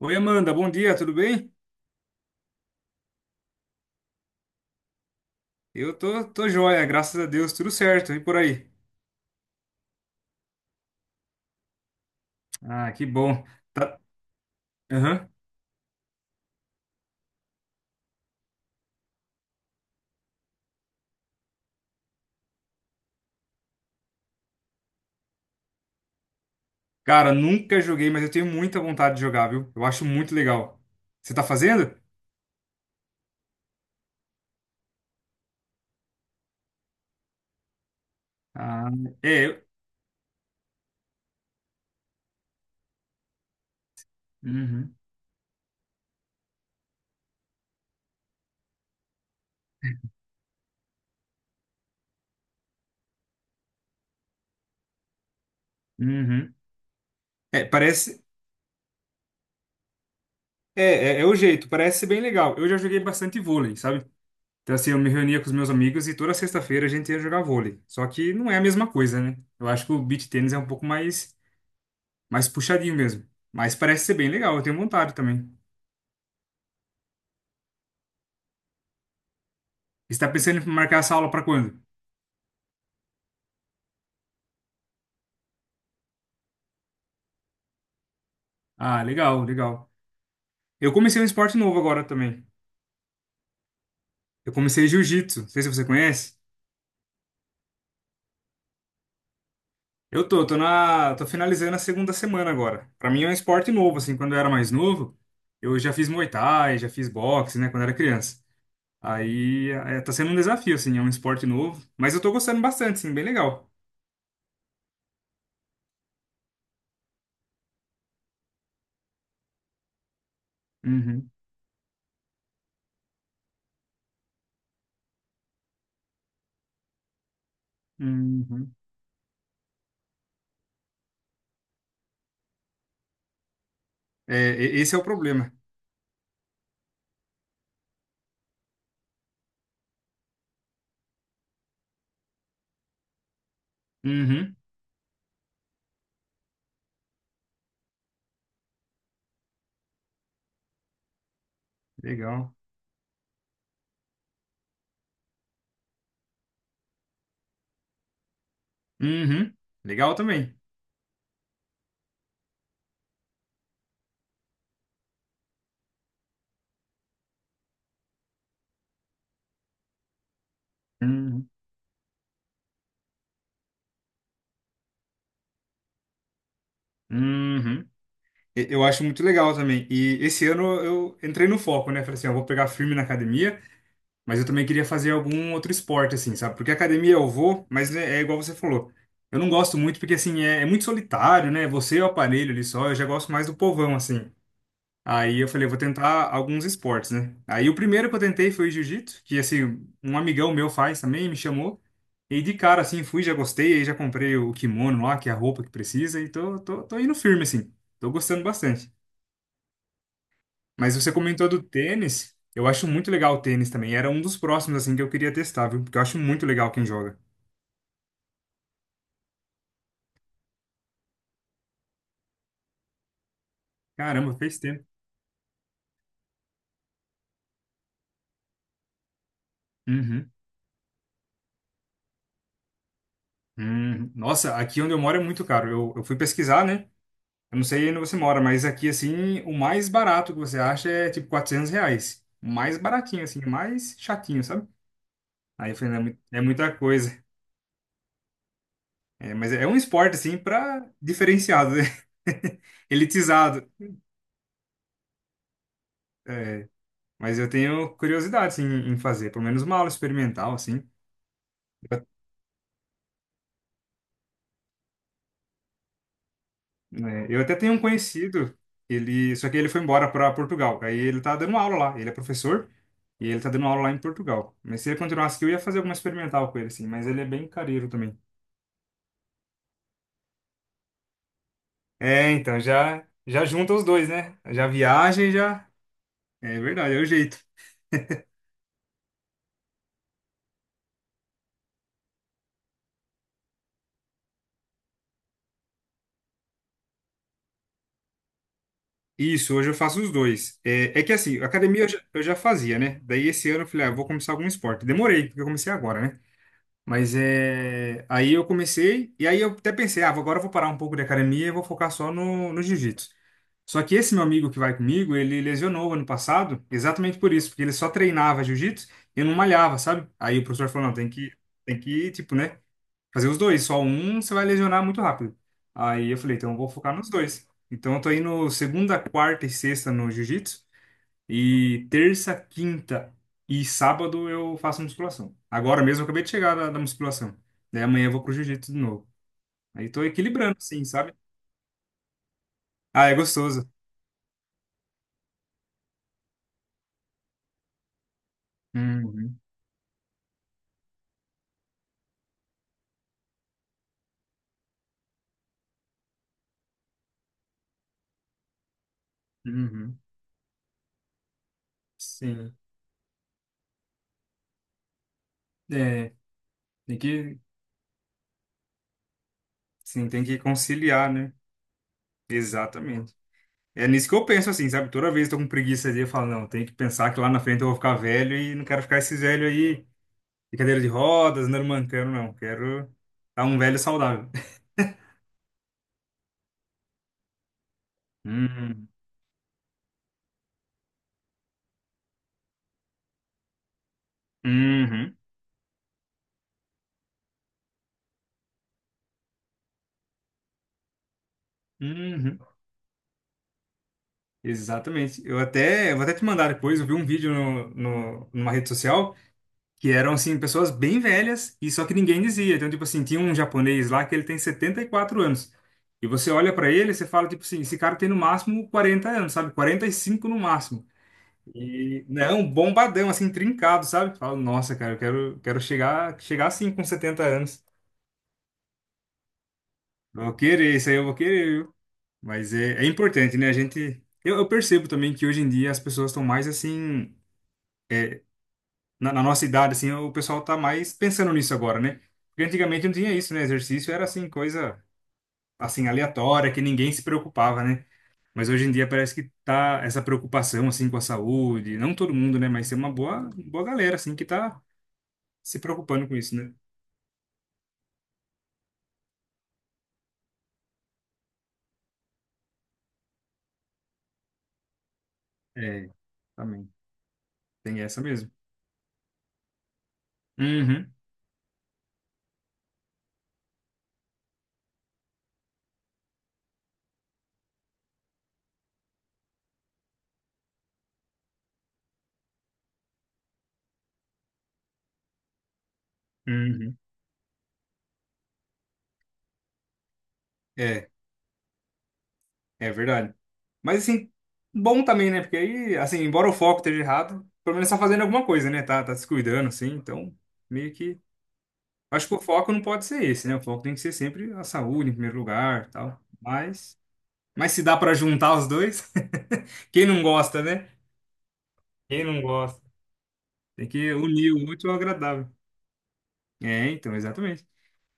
Oi, Amanda, bom dia, tudo bem? Eu tô joia, graças a Deus, tudo certo, e por aí? Ah, que bom. Tá- Aham. Cara, nunca joguei, mas eu tenho muita vontade de jogar, viu? Eu acho muito legal. Você tá fazendo? Ah, é. eu- Uhum, uhum. É, parece. É, é o jeito, parece ser bem legal. Eu já joguei bastante vôlei, sabe? Então, assim, eu me reunia com os meus amigos e toda sexta-feira a gente ia jogar vôlei. Só que não é a mesma coisa, né? Eu acho que o beach tennis é um pouco mais, mais puxadinho mesmo. Mas parece ser bem legal, eu tenho vontade também. Você está pensando em marcar essa aula para quando? Ah, legal, legal. Eu comecei um esporte novo agora também. Eu comecei jiu-jitsu. Não sei se você conhece. Eu tô finalizando a segunda semana agora. Para mim é um esporte novo, assim, quando eu era mais novo, eu já fiz Muay Thai, já fiz boxe, né, quando eu era criança. Tá sendo um desafio, assim, é um esporte novo, mas eu tô gostando bastante, assim, bem legal. Uhum, uhum. É, esse é o problema. Uhum, legal. Uhum, legal também. Uhum, uhum. Eu acho muito legal também. E esse ano eu entrei no foco, né? Falei assim, eu vou pegar firme na academia, mas eu também queria fazer algum outro esporte, assim, sabe? Porque academia eu vou, mas é igual você falou. Eu não gosto muito porque, assim, é muito solitário, né? Você e o aparelho ali só, eu já gosto mais do povão, assim. Aí eu falei, eu vou tentar alguns esportes, né? Aí o primeiro que eu tentei foi o jiu-jitsu, que, assim, um amigão meu faz também, me chamou. E de cara, assim, fui, já gostei, aí já comprei o kimono lá, que é a roupa que precisa, e tô indo firme, assim. Tô gostando bastante. Mas você comentou do tênis. Eu acho muito legal o tênis também. Era um dos próximos, assim, que eu queria testar, viu? Porque eu acho muito legal quem joga. Caramba, fez tempo. Uhum. Uhum. Nossa, aqui onde eu moro é muito caro. Eu fui pesquisar, né? Eu não sei onde você mora, mas aqui, assim, o mais barato que você acha é tipo R$ 400. O mais baratinho, assim, o mais chatinho, sabe? Aí eu falei, não, é é muita coisa. É, mas é um esporte, assim, pra diferenciado, né? Elitizado. É. Mas eu tenho curiosidade, assim, em fazer, pelo menos uma aula experimental, assim. Eu, né, eu até tenho um conhecido, ele, só que ele foi embora para Portugal. Aí ele tá dando aula lá, ele é professor e ele tá dando aula lá em Portugal. Mas se ele continuasse aqui, eu ia fazer alguma experimental com ele, assim, mas ele é bem careiro também. É, então, já junta os dois, né? Já viaja e já... É verdade, é o jeito. Isso, hoje eu faço os dois. É, é que assim, academia eu já fazia, né? Daí esse ano eu falei, ah, eu vou começar algum esporte. Demorei, porque eu comecei agora, né? Mas é. Aí eu comecei, e aí eu até pensei, ah, agora eu vou parar um pouco de academia e vou focar só no jiu-jitsu. Só que esse meu amigo que vai comigo, ele lesionou ano passado, exatamente por isso, porque ele só treinava jiu-jitsu e não malhava, sabe? Aí o professor falou, não, tem que, tipo, né, fazer os dois, só um você vai lesionar muito rápido. Aí eu falei, então eu vou focar nos dois. Então eu tô indo segunda, quarta e sexta no jiu-jitsu e terça, quinta e sábado eu faço musculação. Agora mesmo eu acabei de chegar da musculação. Daí amanhã eu vou pro jiu-jitsu de novo. Aí tô equilibrando, assim, sabe? Ah, é gostoso. Uhum, uhum. Sim. É, tem que, sim, tem que conciliar, né? Exatamente. É nisso que eu penso, assim, sabe? Toda vez que eu tô com preguiça ali, eu falo, não, tem que pensar que lá na frente eu vou ficar velho e não quero ficar esses velho aí de cadeira de rodas, andando mancando, não. Quero estar um velho saudável. Uhum. Uhum. Uhum, exatamente. Eu vou até te mandar depois. Eu vi um vídeo numa rede social que eram, assim, pessoas bem velhas e só que ninguém dizia. Então, tipo assim, tinha um japonês lá que ele tem 74 anos. E você olha pra ele e você fala, tipo assim, esse cara tem no máximo 40 anos, sabe? 45 no máximo. E não, bombadão, assim, trincado, sabe? Fala, nossa, cara, quero chegar assim com 70 anos. Vou querer, isso aí eu vou querer. Mas é importante, né? A gente. Eu percebo também que hoje em dia as pessoas estão mais assim. Na nossa idade, assim, o pessoal tá mais pensando nisso agora, né? Porque antigamente não tinha isso, né? Exercício era assim, coisa assim, aleatória, que ninguém se preocupava, né? Mas hoje em dia parece que tá essa preocupação, assim, com a saúde. Não todo mundo, né? Mas tem uma boa galera, assim, que tá se preocupando com isso, né? É, também. Tem essa mesmo. Uhum, uhum. É. É verdade. Mas assim, bom também, né? Porque aí, assim, embora o foco esteja errado, pelo menos tá fazendo alguma coisa, né? Tá se cuidando, assim, então meio que. Acho que o foco não pode ser esse, né? O foco tem que ser sempre a saúde em primeiro lugar, tal. Mas se dá pra juntar os dois, quem não gosta, né? Quem não gosta? Tem que unir o útil ao agradável. É, então, exatamente.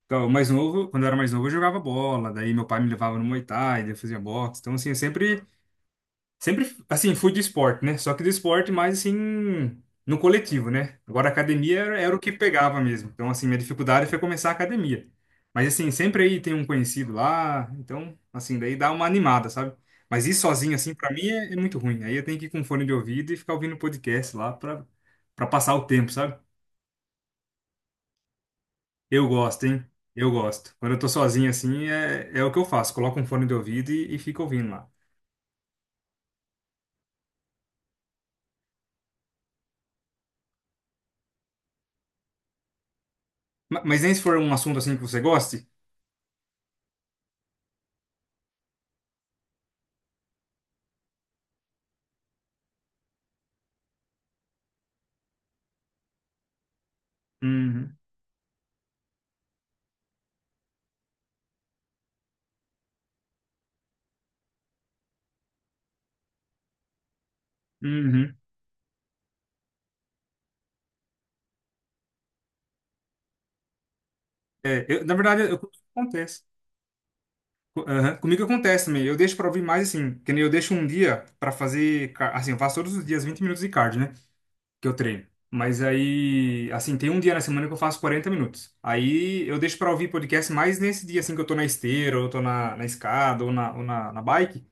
Então, o mais novo, quando eu era mais novo, eu jogava bola, daí meu pai me levava no Muay Thai, daí eu fazia boxe. Então, assim, eu sempre Sempre, assim, fui do esporte, né? Só que do esporte mais, assim, no coletivo, né? Agora, a academia era o que pegava mesmo. Então, assim, minha dificuldade foi começar a academia. Mas, assim, sempre aí tem um conhecido lá. Então, assim, daí dá uma animada, sabe? Mas ir sozinho, assim, pra mim é muito ruim. Aí eu tenho que ir com fone de ouvido e ficar ouvindo podcast lá pra passar o tempo, sabe? Eu gosto, hein? Eu gosto. Quando eu tô sozinho, assim, é o que eu faço. Coloco um fone de ouvido e fico ouvindo lá. Mas nem se for um assunto, assim, que você goste. Uhum. Uhum. É, acontece. Comigo acontece também. Eu deixo pra ouvir mais assim, que nem eu deixo um dia pra fazer, assim, eu faço todos os dias 20 minutos de cardio, né, que eu treino. Mas aí, assim, tem um dia na semana que eu faço 40 minutos. Aí eu deixo pra ouvir podcast mais nesse dia assim que eu tô na esteira, ou eu tô na escada, ou na bike.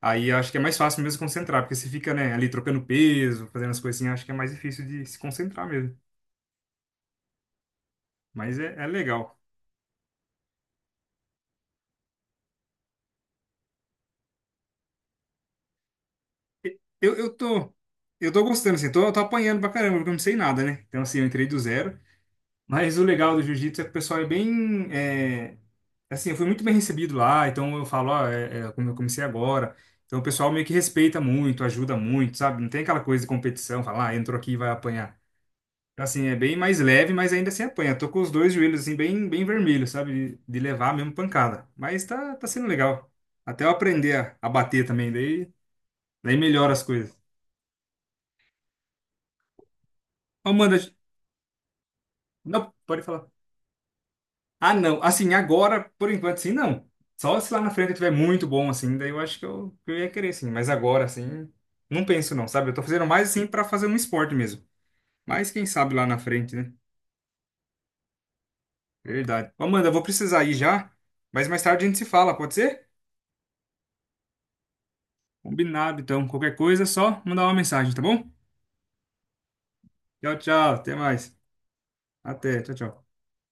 Aí eu acho que é mais fácil mesmo concentrar, porque você fica, né, ali trocando peso, fazendo as coisinhas, acho que é mais difícil de se concentrar mesmo. Mas é legal. Eu, eu tô, eu tô gostando, assim, tô, eu tô apanhando pra caramba, porque eu não sei nada, né? Então, assim, eu entrei do zero. Mas o legal do jiu-jitsu é que o pessoal é bem, é, assim, eu fui muito bem recebido lá, então eu falo, ó, como eu comecei agora. Então o pessoal meio que respeita muito, ajuda muito, sabe? Não tem aquela coisa de competição, falar, ah, entrou aqui e vai apanhar. Então, assim, é bem mais leve, mas ainda assim apanha. Tô com os dois joelhos, assim, bem vermelhos, sabe? De levar mesmo pancada. Mas tá sendo legal. Até eu aprender a bater também, daí melhora as coisas. Amanda, Não, pode falar. Ah, não. Assim, agora, por enquanto, sim, não. Só se lá na frente eu tiver muito bom, assim, daí eu acho que eu ia querer, sim. Mas agora, assim, não penso, não, sabe? Eu tô fazendo mais, assim, pra fazer um esporte mesmo. Mas quem sabe lá na frente, né? Verdade. Ô, Amanda, eu vou precisar ir já, mas mais tarde a gente se fala, pode ser? Combinado, então. Qualquer coisa, é só mandar uma mensagem, tá bom? Tchau, tchau. Até mais. Até. Tchau, tchau.